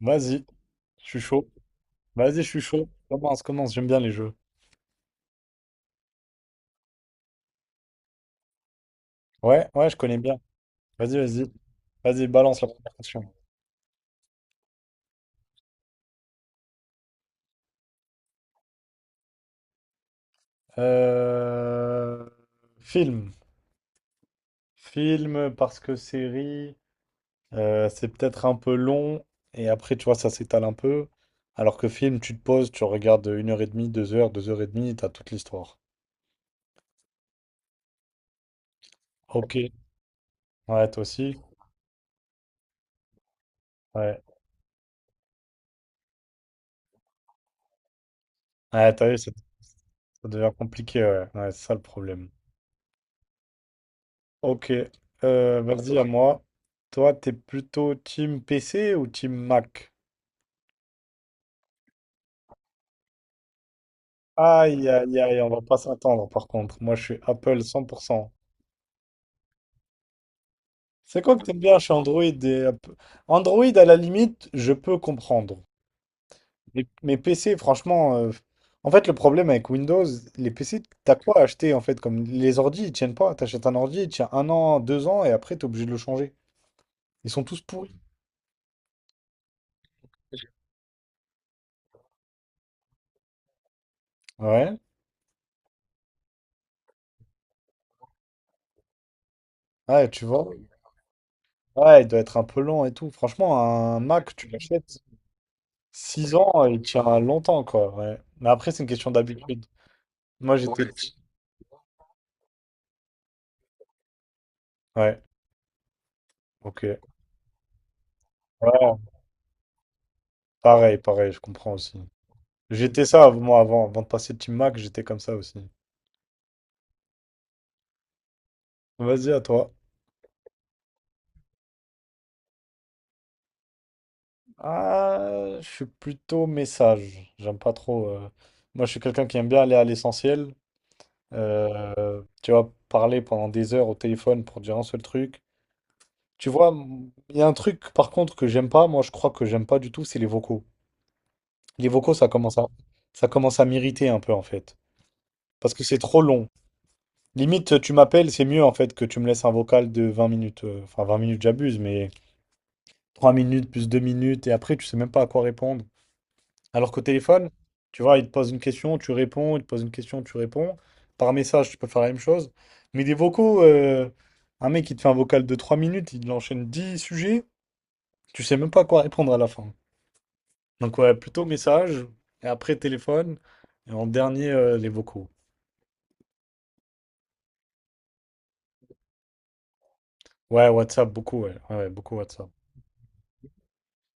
Vas-y, je suis chaud. Vas-y, je suis chaud. Commence, commence, j'aime bien les jeux. Ouais, ouais, je connais bien. Vas-y, vas-y. Vas-y, balance la première question. Euh, Film. Film, parce que série, c'est peut-être un peu long, et après, tu vois, ça s'étale un peu. Alors que film, tu te poses, tu regardes une heure et demie, 2 heures, 2 heures et demie, t'as toute l'histoire. Ok. Ouais, toi aussi. Ouais. Ouais, t'as vu, ça devient compliqué, ouais. Ouais, c'est ça le problème. Ok, vas-y à moi. Toi, t'es plutôt team PC ou team Mac? Aïe, aïe, aïe, on va pas s'attendre par contre. Moi, je suis Apple 100%. C'est quoi que t'aimes bien chez Android et? Android, à la limite, je peux comprendre. Mais PC, franchement, en fait, le problème avec Windows, les PC, t'as quoi à acheter en fait? Comme les ordi, ils tiennent pas. T'achètes un ordi, il tient un an, 2 ans, et après, t'es obligé de le changer. Ils sont tous pourris. Ouais, ouais, tu vois. Ouais, il doit être un peu long et tout. Franchement, un Mac, tu l'achètes 6 ans, il tient longtemps, quoi. Ouais. Mais après, c'est une question d'habitude. Moi, j'étais. Ouais. Ouais, ok. Ouais, pareil, pareil, je comprends aussi. J'étais ça, moi, avant de passer Team Mac, j'étais comme ça aussi. Vas-y, à toi. Ah, je suis plutôt message. J'aime pas trop. Moi, je suis quelqu'un qui aime bien aller à l'essentiel. Tu vois, parler pendant des heures au téléphone pour dire un seul truc. Tu vois, il y a un truc par contre que j'aime pas, moi je crois que j'aime pas du tout, c'est les vocaux. Les vocaux, ça commence à m'irriter un peu en fait. Parce que c'est trop long. Limite, tu m'appelles, c'est mieux en fait que tu me laisses un vocal de 20 minutes. Enfin, 20 minutes, j'abuse, mais 3 minutes plus 2 minutes, et après, tu sais même pas à quoi répondre. Alors qu'au téléphone, tu vois, il te pose une question, tu réponds, il te pose une question, tu réponds. Par message, tu peux faire la même chose. Mais des vocaux, un mec qui te fait un vocal de 3 minutes, il enchaîne 10 sujets, tu sais même pas à quoi répondre à la fin. Donc ouais, plutôt message, et après téléphone, et en dernier, les vocaux. Ouais, WhatsApp, beaucoup, ouais. Ouais, ouais, beaucoup WhatsApp.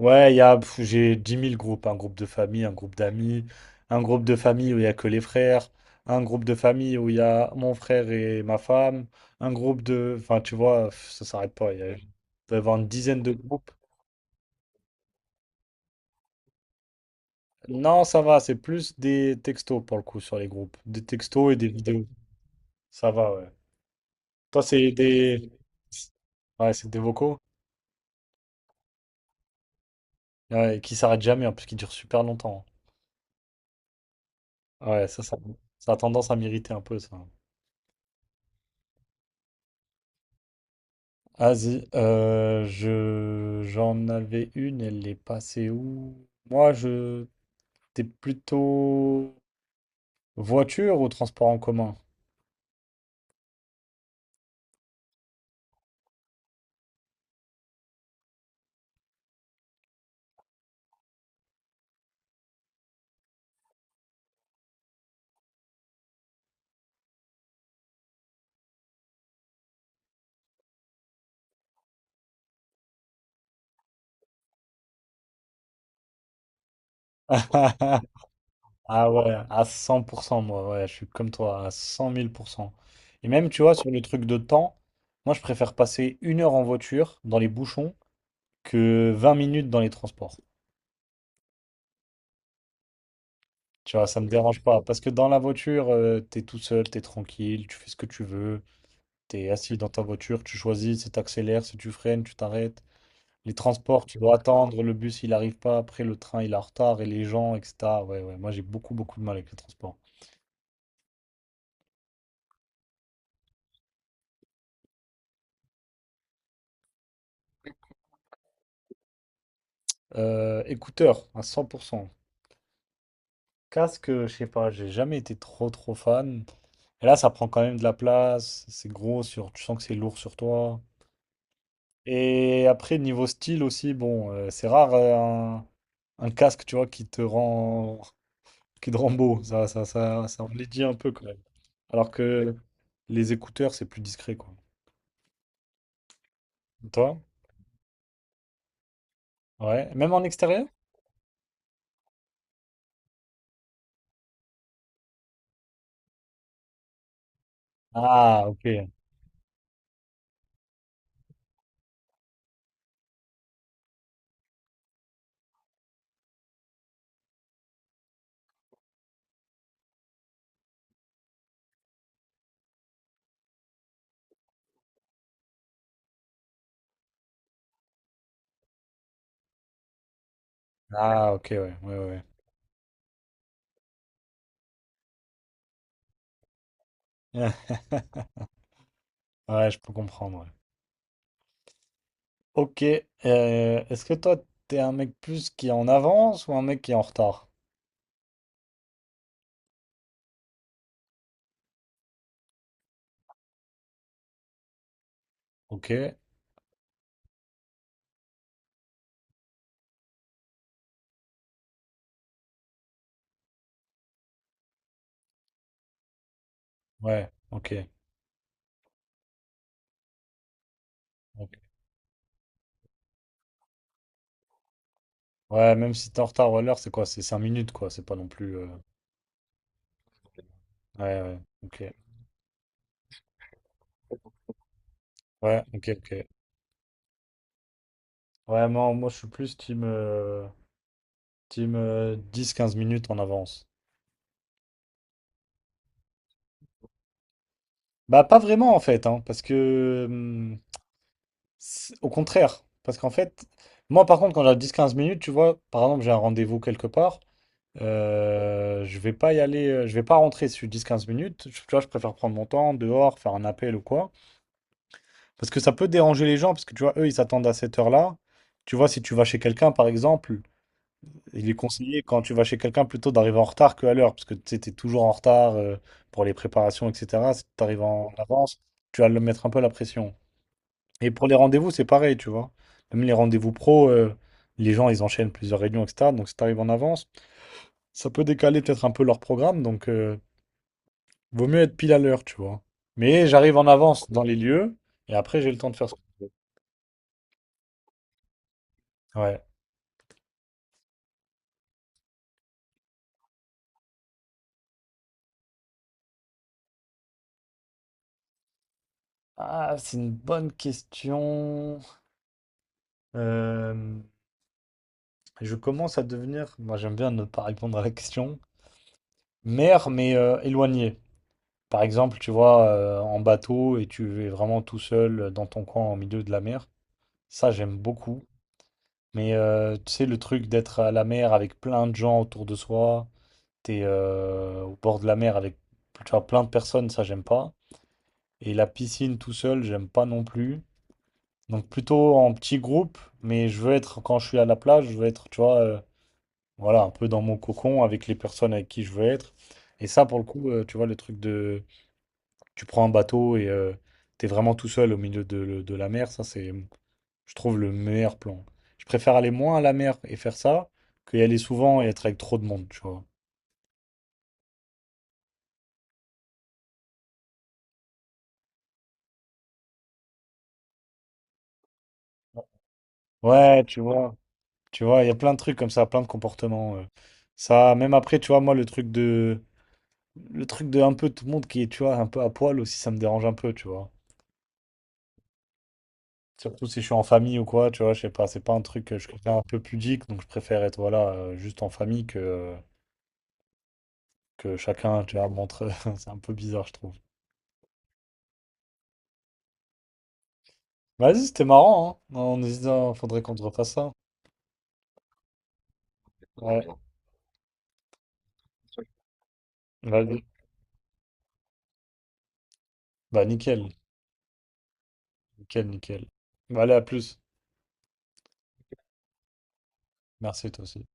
Ouais, il y a, pff, j'ai 10 000 groupes, un groupe de famille, un groupe d'amis, un groupe de famille où il y a que les frères, un groupe de famille où il y a mon frère et ma femme, un groupe de... Enfin, tu vois, ça s'arrête pas, il doit y avoir une dizaine de groupes. Non, ça va, c'est plus des textos pour le coup sur les groupes, des textos et des vidéos. Ça va, ouais. Toi, c'est des... Ouais, c'est des vocaux? Ouais, et qui s'arrête jamais, hein, parce qu'il dure super longtemps. Hein. Ouais, ça a tendance à m'irriter un peu, ça. Vas-y, j'en avais une, elle est passée où? T'es plutôt voiture ou transport en commun? Ah ouais, à 100%, moi, ouais, je suis comme toi, à 100 000%. Et même, tu vois, sur le truc de temps, moi, je préfère passer une heure en voiture, dans les bouchons, que 20 minutes dans les transports. Tu vois, ça me dérange pas. Parce que dans la voiture, t'es tout seul, t'es tranquille, tu fais ce que tu veux. T'es assis dans ta voiture, tu choisis si t'accélères, si tu freines, tu t'arrêtes. Les transports, tu dois attendre. Le bus, il arrive pas. Après, le train, il est en retard. Et les gens, etc. Ouais, ouais. Moi, j'ai beaucoup, beaucoup de mal avec les transports. Écouteurs, à 100%. Casque, je sais pas, j'ai jamais été trop, trop fan. Et là, ça prend quand même de la place. C'est gros sur... Tu sens que c'est lourd sur toi. Et après, niveau style aussi, bon, c'est rare un, un casque, tu vois, qui te rend beau. Ça enlaidit un peu quand même. Alors que les écouteurs, c'est plus discret, quoi. Et toi? Ouais. Même en extérieur? Ah, ok. Ah, ok, ouais, ouais, ouais. Ouais, Ouais, je peux comprendre. Ouais. Ok. Est-ce que toi, t'es un mec plus qui est en avance ou un mec qui est en retard? Ok. Ouais, ok. Ok. Ouais, même si t'es en retard ou à l'heure, c'est quoi? C'est 5 minutes, quoi. C'est pas non plus. Ouais, ouais, ok. Ouais, ok, ok. Ouais, moi je suis plus team, team 10-15 minutes en avance. Bah, pas vraiment en fait, hein, parce que, au contraire. Parce qu'en fait, moi par contre, quand j'ai 10-15 minutes, tu vois, par exemple, j'ai un rendez-vous quelque part, je vais pas y aller, je vais pas rentrer sur 10-15 minutes. Tu vois, je préfère prendre mon temps dehors, faire un appel ou quoi. Parce que ça peut déranger les gens, parce que tu vois, eux, ils s'attendent à cette heure-là. Tu vois, si tu vas chez quelqu'un, par exemple. Il est conseillé quand tu vas chez quelqu'un plutôt d'arriver en retard qu'à l'heure, parce que tu sais, t'es toujours en retard pour les préparations, etc. Si tu arrives en avance, tu vas le mettre un peu la pression. Et pour les rendez-vous, c'est pareil, tu vois. Même les rendez-vous pro, les gens, ils enchaînent plusieurs réunions, etc. Donc si tu arrives en avance, ça peut décaler peut-être un peu leur programme, donc vaut mieux être pile à l'heure, tu vois. Mais j'arrive en avance dans les lieux, et après j'ai le temps de faire ce... que... Ouais. Ah, c'est une bonne question. Euh, Je commence à devenir, moi j'aime bien ne pas répondre à la question, mer mais éloigné. Par exemple, tu vois, en bateau et tu es vraiment tout seul dans ton coin au milieu de la mer. Ça, j'aime beaucoup. Mais tu sais, le truc d'être à la mer avec plein de gens autour de soi, t'es au bord de la mer avec tu vois, plein de personnes, ça, j'aime pas. Et la piscine tout seul, j'aime pas non plus. Donc plutôt en petit groupe, mais je veux être, quand je suis à la plage, je veux être, tu vois, voilà, un peu dans mon cocon avec les personnes avec qui je veux être. Et ça, pour le coup, tu vois, le truc de... Tu prends un bateau et t'es vraiment tout seul au milieu de la mer, ça, c'est, je trouve, le meilleur plan. Je préfère aller moins à la mer et faire ça que y aller souvent et être avec trop de monde, tu vois. Ouais, tu vois, il y a plein de trucs comme ça, plein de comportements. Ça, même après, tu vois, moi, le truc de... Le truc de un peu tout le monde qui est, tu vois, un peu à poil aussi, ça me dérange un peu, tu vois. Surtout si je suis en famille ou quoi, tu vois, je sais pas, c'est pas un truc que je suis un peu pudique, donc je préfère être voilà, juste en famille que chacun, tu vois, montre. C'est un peu bizarre, je trouve. Vas-y, c'était marrant, hein. On hésite, hein, faudrait qu'on te refasse ça. Ouais, vas-y. Bah nickel, nickel, nickel. Bah allez, à plus. Merci toi aussi.